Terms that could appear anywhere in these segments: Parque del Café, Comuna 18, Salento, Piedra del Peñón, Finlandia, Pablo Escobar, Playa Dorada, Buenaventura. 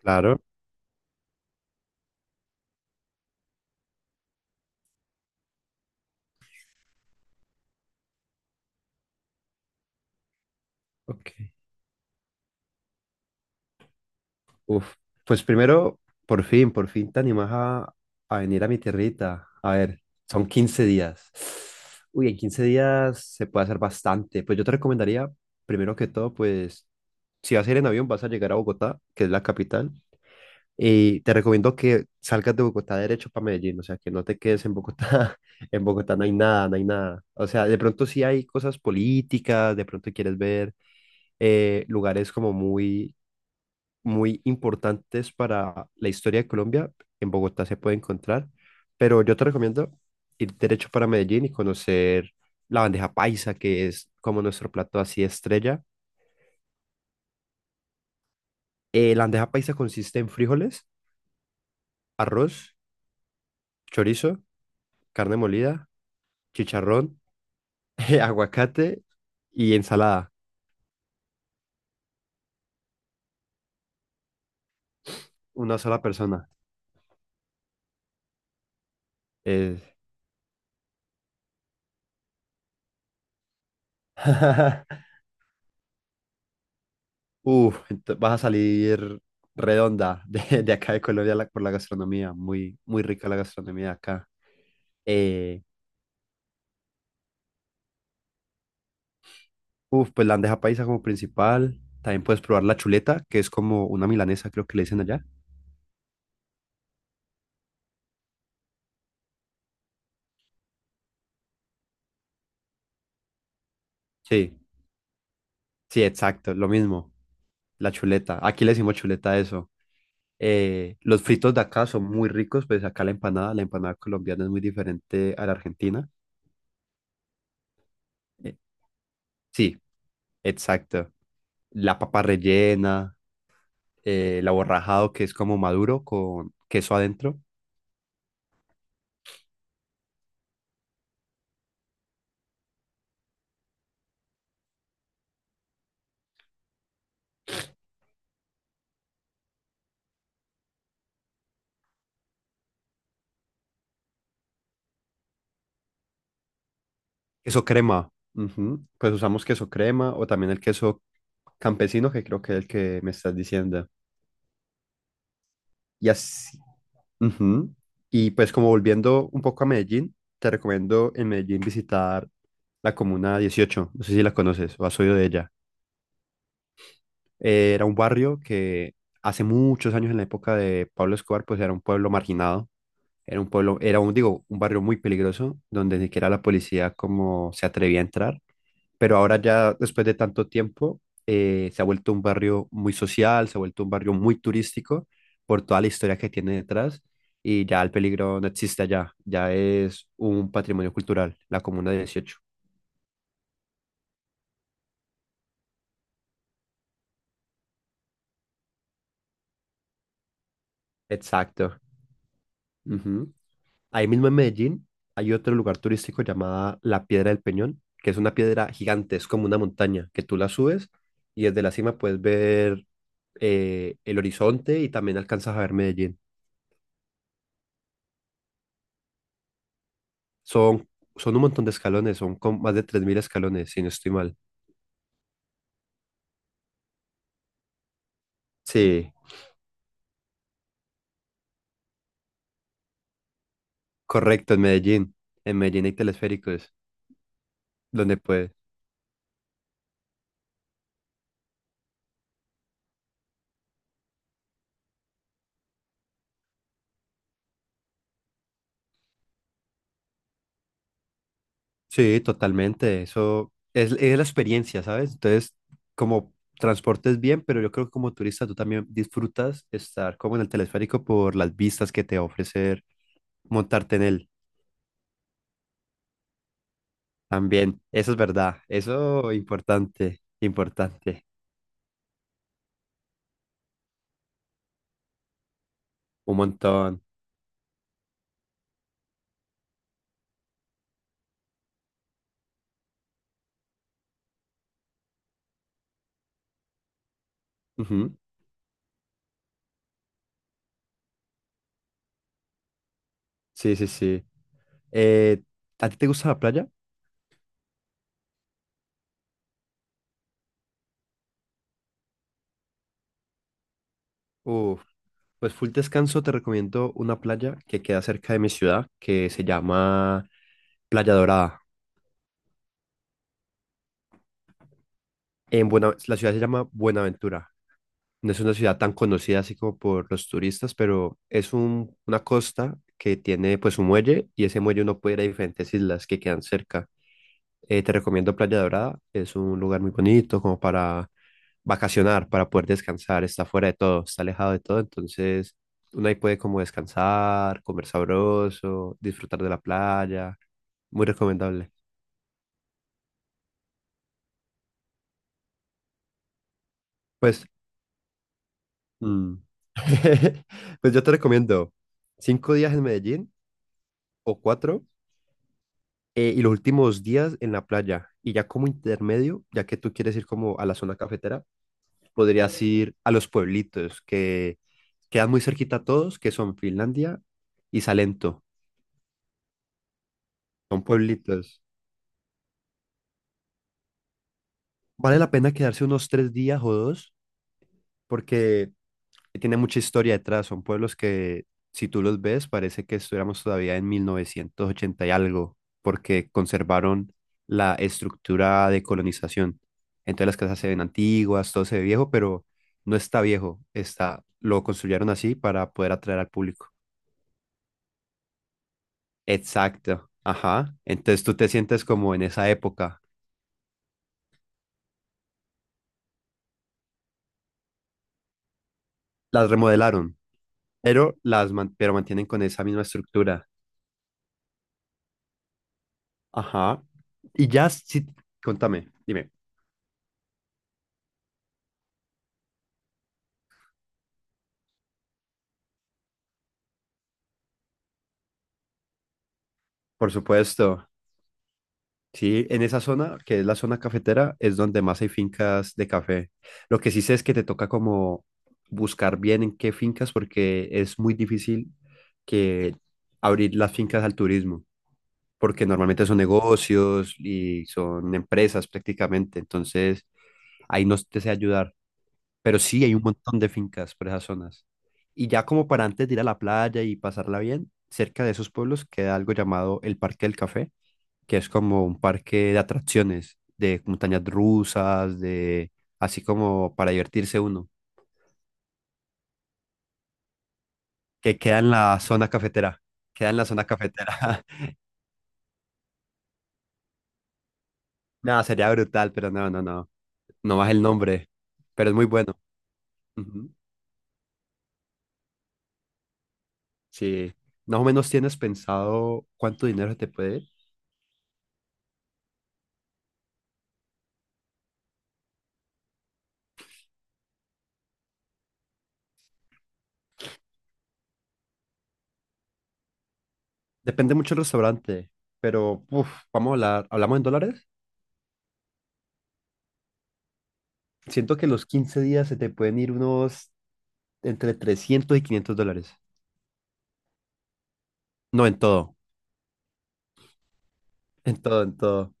Claro. Ok. Uf. Pues primero, por fin te animas a venir a mi tierrita. A ver, son 15 días. Uy, en 15 días se puede hacer bastante. Pues yo te recomendaría, primero que todo, pues si vas a ir en avión, vas a llegar a Bogotá, que es la capital. Y te recomiendo que salgas de Bogotá derecho para Medellín, o sea, que no te quedes en Bogotá. En Bogotá no hay nada, no hay nada. O sea, de pronto sí hay cosas políticas, de pronto quieres ver lugares como muy muy importantes para la historia de Colombia. En Bogotá se puede encontrar, pero yo te recomiendo ir derecho para Medellín y conocer la bandeja paisa, que es como nuestro plato así estrella. La bandeja paisa consiste en frijoles, arroz, chorizo, carne molida, chicharrón, aguacate y ensalada. Una sola persona. Es- Vas a salir redonda de acá de Colombia por la gastronomía. Muy, muy rica la gastronomía de acá. Eh, pues la bandeja paisa como principal. También puedes probar la chuleta, que es como una milanesa, creo que le dicen allá. Sí, sí, exacto, lo mismo. La chuleta. Aquí le decimos chuleta a eso. Los fritos de acá son muy ricos, pues acá la empanada colombiana es muy diferente a la argentina. Eh, sí, exacto. La papa rellena, el aborrajado, que es como maduro con queso adentro. Queso crema. Ujú. Pues usamos queso crema o también el queso campesino, que creo que es el que me estás diciendo. Y así. Ujú. Y pues como volviendo un poco a Medellín, te recomiendo en Medellín visitar la Comuna 18. No sé si la conoces o has oído de ella. Era un barrio que hace muchos años en la época de Pablo Escobar, pues era un pueblo marginado. Era un pueblo, era un, digo, un barrio muy peligroso, donde ni siquiera la policía como se atrevía a entrar, pero ahora ya después de tanto tiempo se ha vuelto un barrio muy social, se ha vuelto un barrio muy turístico por toda la historia que tiene detrás, y ya el peligro no existe allá, ya es un patrimonio cultural, la Comuna 18. Exacto. Ujú. Ahí mismo en Medellín hay otro lugar turístico llamada la Piedra del Peñón, que es una piedra gigante, es como una montaña que tú la subes y desde la cima puedes ver el horizonte y también alcanzas a ver Medellín. Son, son un montón de escalones, son con más de 3000 escalones, si no estoy mal. Sí, correcto, en Medellín. En Medellín hay telesféricos, donde puedes. Sí, totalmente. Eso es la experiencia, ¿sabes? Entonces, como transportes bien, pero yo creo que como turista tú también disfrutas estar como en el telesférico por las vistas que te va a ofrecer montarte en él. También, eso es verdad. Eso importante, importante. Un montón. Ujú. Sí, sí, sí. Eh, ¿A ti te gusta la playa? Uf, pues full descanso te recomiendo una playa que queda cerca de mi ciudad, que se llama Playa Dorada. La ciudad se llama Buenaventura. No es una ciudad tan conocida así como por los turistas, pero es una costa que tiene pues un muelle y ese muelle uno puede ir a diferentes islas que quedan cerca. Te recomiendo Playa Dorada, es un lugar muy bonito como para vacacionar, para poder descansar, está fuera de todo, está alejado de todo, entonces uno ahí puede como descansar, comer sabroso, disfrutar de la playa, muy recomendable. Pues, mm, pues yo te recomiendo 5 días en Medellín o cuatro, y los últimos días en la playa y ya como intermedio, ya que tú quieres ir como a la zona cafetera, podrías ir a los pueblitos que quedan muy cerquita a todos, que son Finlandia y Salento. Son pueblitos. Vale la pena quedarse unos 3 días o dos porque tiene mucha historia detrás. Son pueblos que, si tú los ves, parece que estuviéramos todavía en 1980 y algo, porque conservaron la estructura de colonización. Entonces las casas se ven antiguas, todo se ve viejo, pero no está viejo. Está, lo construyeron así para poder atraer al público. Exacto. Ajá. Entonces tú te sientes como en esa época. Las remodelaron, pero pero mantienen con esa misma estructura. Ajá. Y ya, sí, contame, dime. Por supuesto. Sí, en esa zona, que es la zona cafetera, es donde más hay fincas de café. Lo que sí sé es que te toca como buscar bien en qué fincas, porque es muy difícil que abrir las fincas al turismo, porque normalmente son negocios y son empresas prácticamente. Entonces, ahí no te sé ayudar, pero sí hay un montón de fincas por esas zonas. Y ya como para antes de ir a la playa y pasarla bien, cerca de esos pueblos queda algo llamado el Parque del Café, que es como un parque de atracciones, de montañas rusas, de así como para divertirse uno, que queda en la zona cafetera, queda en la zona cafetera. Nada, sería brutal, pero no, no, no, no más el nombre, pero es muy bueno. Ujú. Sí, más o menos tienes pensado cuánto dinero se te puede ir. Depende mucho del restaurante, pero uf, vamos a hablar, hablamos en dólares. Siento que los 15 días se te pueden ir unos entre $300 y $500. No, en todo, en todo, en todo.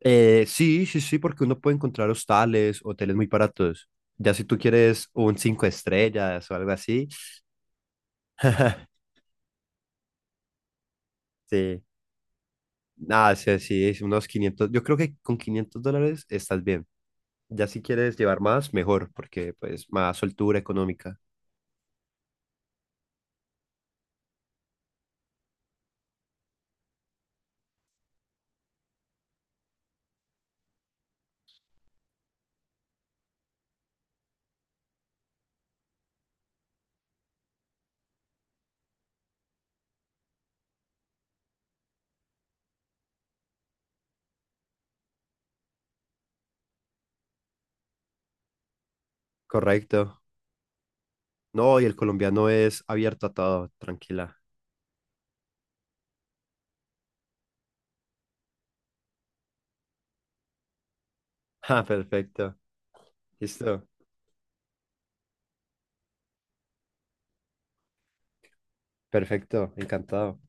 Sí, sí, sí, porque uno puede encontrar hostales, hoteles muy baratos. Ya si tú quieres un 5 estrellas o algo así. Sí, nada, sí, sí, es unos 500. Yo creo que con $500 estás bien. Ya si quieres llevar más, mejor, porque pues más soltura económica. Correcto. No, y el colombiano es abierto a todo, tranquila. Ah, perfecto. Listo. Perfecto, encantado.